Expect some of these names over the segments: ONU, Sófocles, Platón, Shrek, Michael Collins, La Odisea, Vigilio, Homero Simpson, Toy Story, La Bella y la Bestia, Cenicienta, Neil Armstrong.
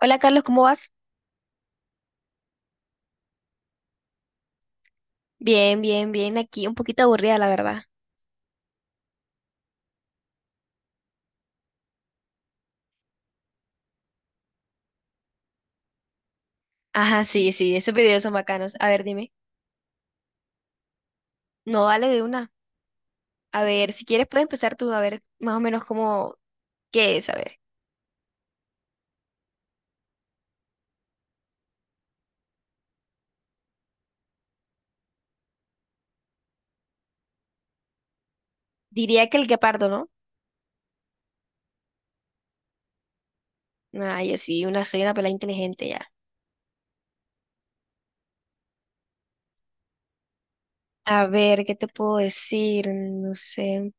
Hola Carlos, ¿cómo vas? Bien, bien, bien. Aquí un poquito aburrida, la verdad. Ajá, sí, sí, esos videos son bacanos. A ver, dime. No, dale de una. A ver, si quieres puedes empezar tú a ver más o menos cómo, qué es, a ver. Diría que el guepardo, ¿no? Ah, yo sí, una, soy una pelada inteligente ya. A ver, ¿qué te puedo decir? No sé.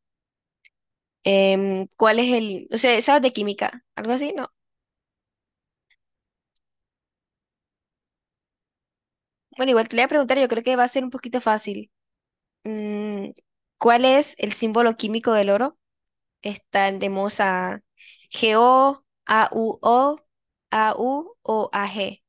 ¿Cuál es el, o sea, sabes de química? ¿Algo así? No. Bueno, igual te le voy a preguntar, yo creo que va a ser un poquito fácil. Mm, ¿Cuál es el símbolo químico del oro? Está, tenemos a o a u o a g.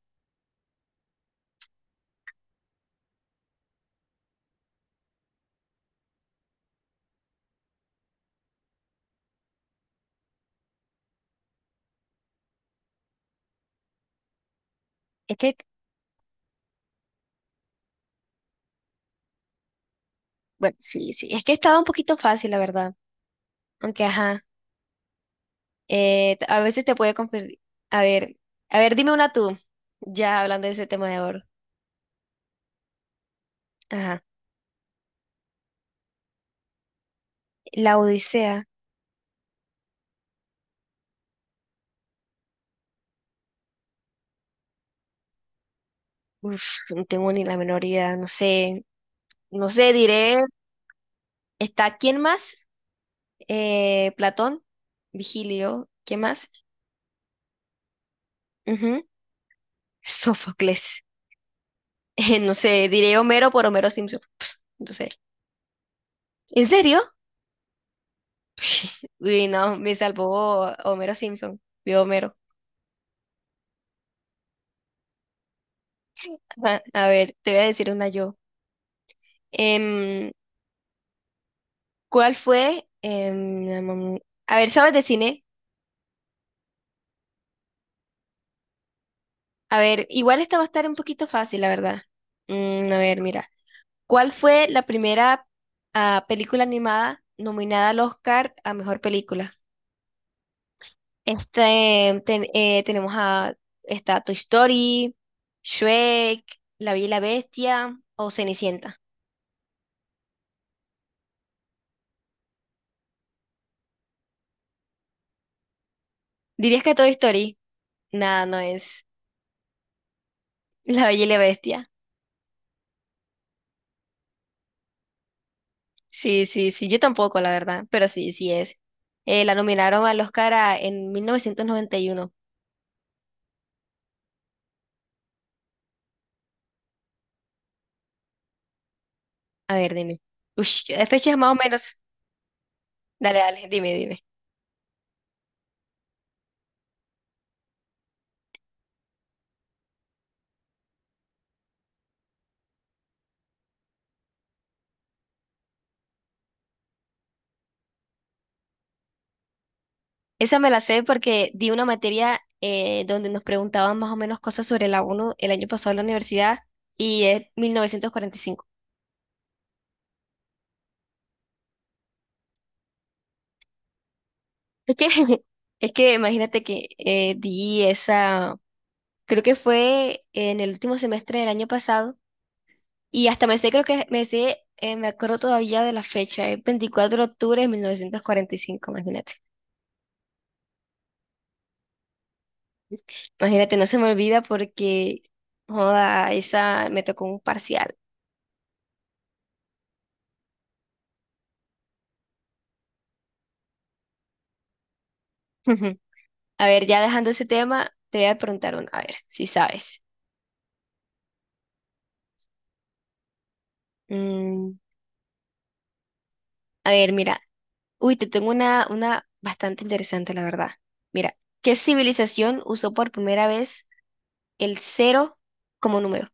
Es que, bueno, sí, sí, es que estaba un poquito fácil, la verdad. Aunque, ajá, a veces te puede confundir. A ver, a ver, dime una tú, ya hablando de ese tema de ahora. Ajá. La Odisea. Uf, no tengo ni la menor idea, no sé, no sé, diré. ¿Está quién más? Platón, Vigilio, ¿quién más? Ujú. Sófocles. No sé, diré Homero por Homero Simpson. Pss, no sé. ¿En serio? Uy, no, me salvó Homero Simpson. Vio Homero. Ajá, a ver, te voy a decir una yo. Em, ¿Cuál fue? A ver, ¿sabes de cine? A ver, igual esta va a estar un poquito fácil, la verdad. A ver, mira. ¿Cuál fue la primera ah, película animada nominada al Oscar a mejor película? Este, tenemos a esta Toy Story, Shrek, La Bella y la Bestia o Cenicienta. ¿Dirías que Toy Story? Nada, no es. La Bella y la Bestia. Sí, sí, sí, yo tampoco, la verdad, pero sí, sí es. La nominaron al Oscar a- en 1991. A ver, dime. Ush, de fechas más o menos. Dale, dale, dime, dime. Esa me la sé porque di una materia donde nos preguntaban más o menos cosas sobre la ONU el año pasado en la universidad y es 1945. Es que, es que imagínate que di esa, creo que fue en el último semestre del año pasado y hasta me sé, creo que me sé, me acuerdo todavía de la fecha, es 24 de octubre de 1945, imagínate. Imagínate, no se me olvida porque, joda, esa me tocó un parcial. A ver, ya dejando ese tema, te voy a preguntar una, a ver, si sabes. Mm, a ver, mira, uy, te tengo una bastante interesante, la verdad. Mira, ¿qué civilización usó por primera vez el cero como número?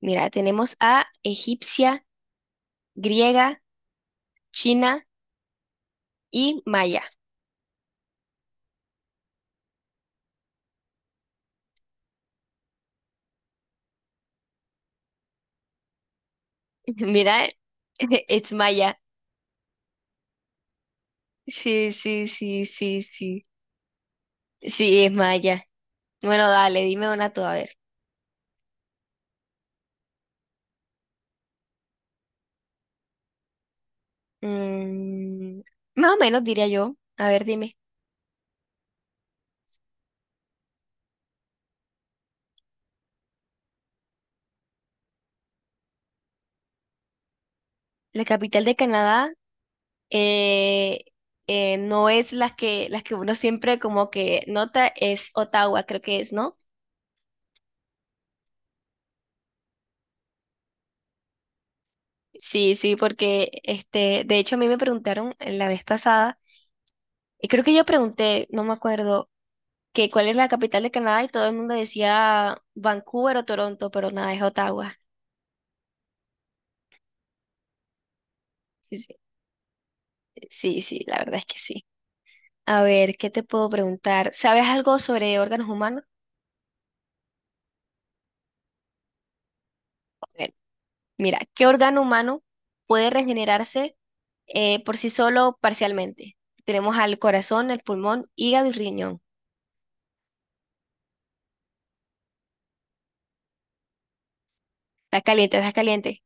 Mira, tenemos a egipcia, griega, china y maya. Mira, es maya. Sí, sí, sí, sí, sí. Sí, es maya. Bueno, dale, dime una tú, a ver. Mm, más o menos diría yo. A ver, dime. La capital de Canadá eh, no es las que uno siempre como que nota, es Ottawa, creo que es, ¿no? Sí, sí, porque este, de hecho a mí me preguntaron la vez pasada, y creo que yo pregunté, no me acuerdo, que cuál es la capital de Canadá y todo el mundo decía Vancouver o Toronto, pero nada, es Ottawa. Sí, sí, sí, sí, la verdad es que sí. A ver, ¿qué te puedo preguntar? ¿Sabes algo sobre órganos humanos? A ver, mira, ¿qué órgano humano puede regenerarse? Por sí solo parcialmente. Tenemos al corazón, el pulmón, hígado y riñón. Está caliente, está caliente.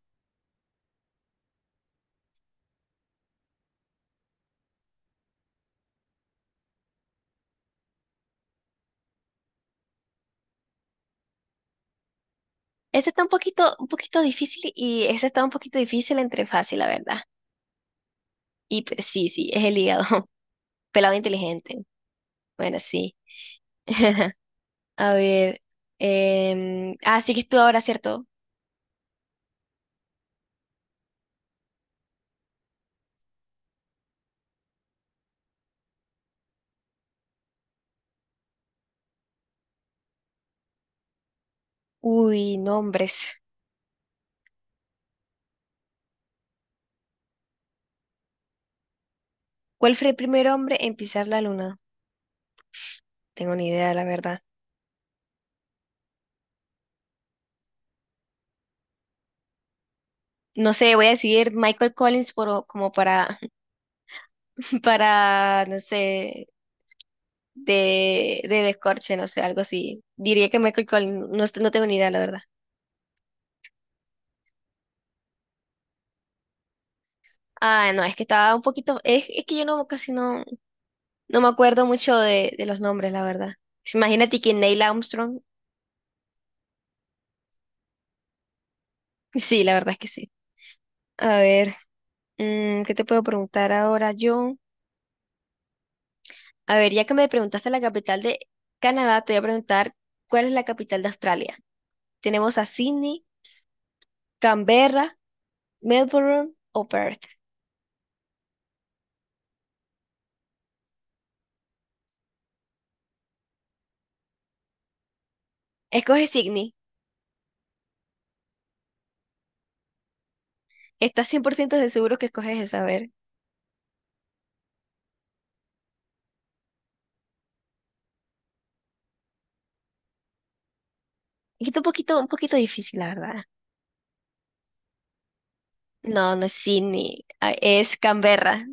Este está un poquito difícil y ese está un poquito difícil entre fácil, la verdad. Y pues, sí, sí, es el hígado. Pelado inteligente. Bueno, sí. A ver. Ah, sí que es tú ahora, ¿cierto? Uy, nombres. ¿Cuál fue el primer hombre en pisar la luna? Tengo ni idea, la verdad. No sé, voy a decir Michael Collins por, como para, para, no sé, de descorche, no sé, algo así. Diría que Michael Collins, no, est- no tengo ni idea, la verdad. Ah, no, es que estaba un poquito, es que yo no, casi no, no me acuerdo mucho de los nombres, la verdad. Imagínate que Neil Armstrong, sí, la verdad es que sí. A ver, ¿qué te puedo preguntar ahora yo? A ver, ya que me preguntaste la capital de Canadá, te voy a preguntar cuál es la capital de Australia. Tenemos a Sydney, Canberra, Melbourne o Perth. Escoge Sydney. Estás 100% de seguro que escoges esa, a ver. Está un poquito difícil, la verdad. No, no es Sydney, ah, es Canberra.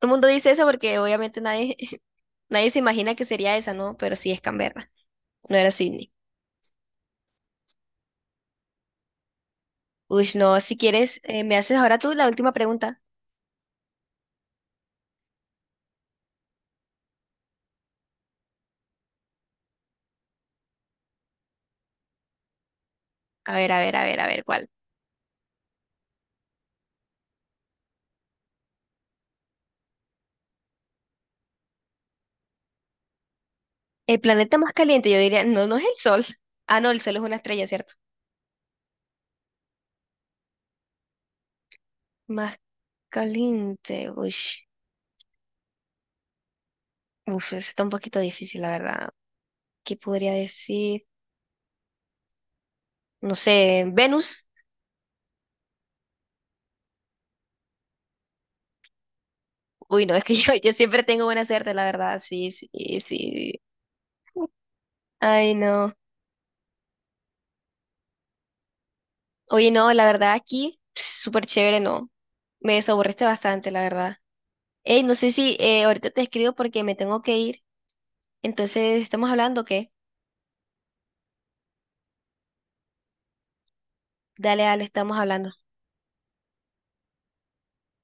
Todo el mundo dice eso porque obviamente nadie, nadie se imagina que sería esa, ¿no? Pero sí es Canberra, no era Sydney. Uy, no, si quieres, me haces ahora tú la última pregunta. A ver, a ver, a ver, a ver, ¿cuál? El planeta más caliente, yo diría, no, no es el Sol. Ah, no, el Sol es una estrella, ¿cierto? Más caliente, uy. Uf, eso está un poquito difícil, la verdad. ¿Qué podría decir? No sé, Venus. Uy, no, es que yo siempre tengo buena suerte, la verdad, sí, sí, sí. Ay, no. Oye, no, la verdad aquí, súper chévere, no. Me desaburriste bastante, la verdad. Ey, no sé si ahorita te escribo porque me tengo que ir. Entonces, ¿estamos hablando o qué? Dale, Ale, estamos hablando.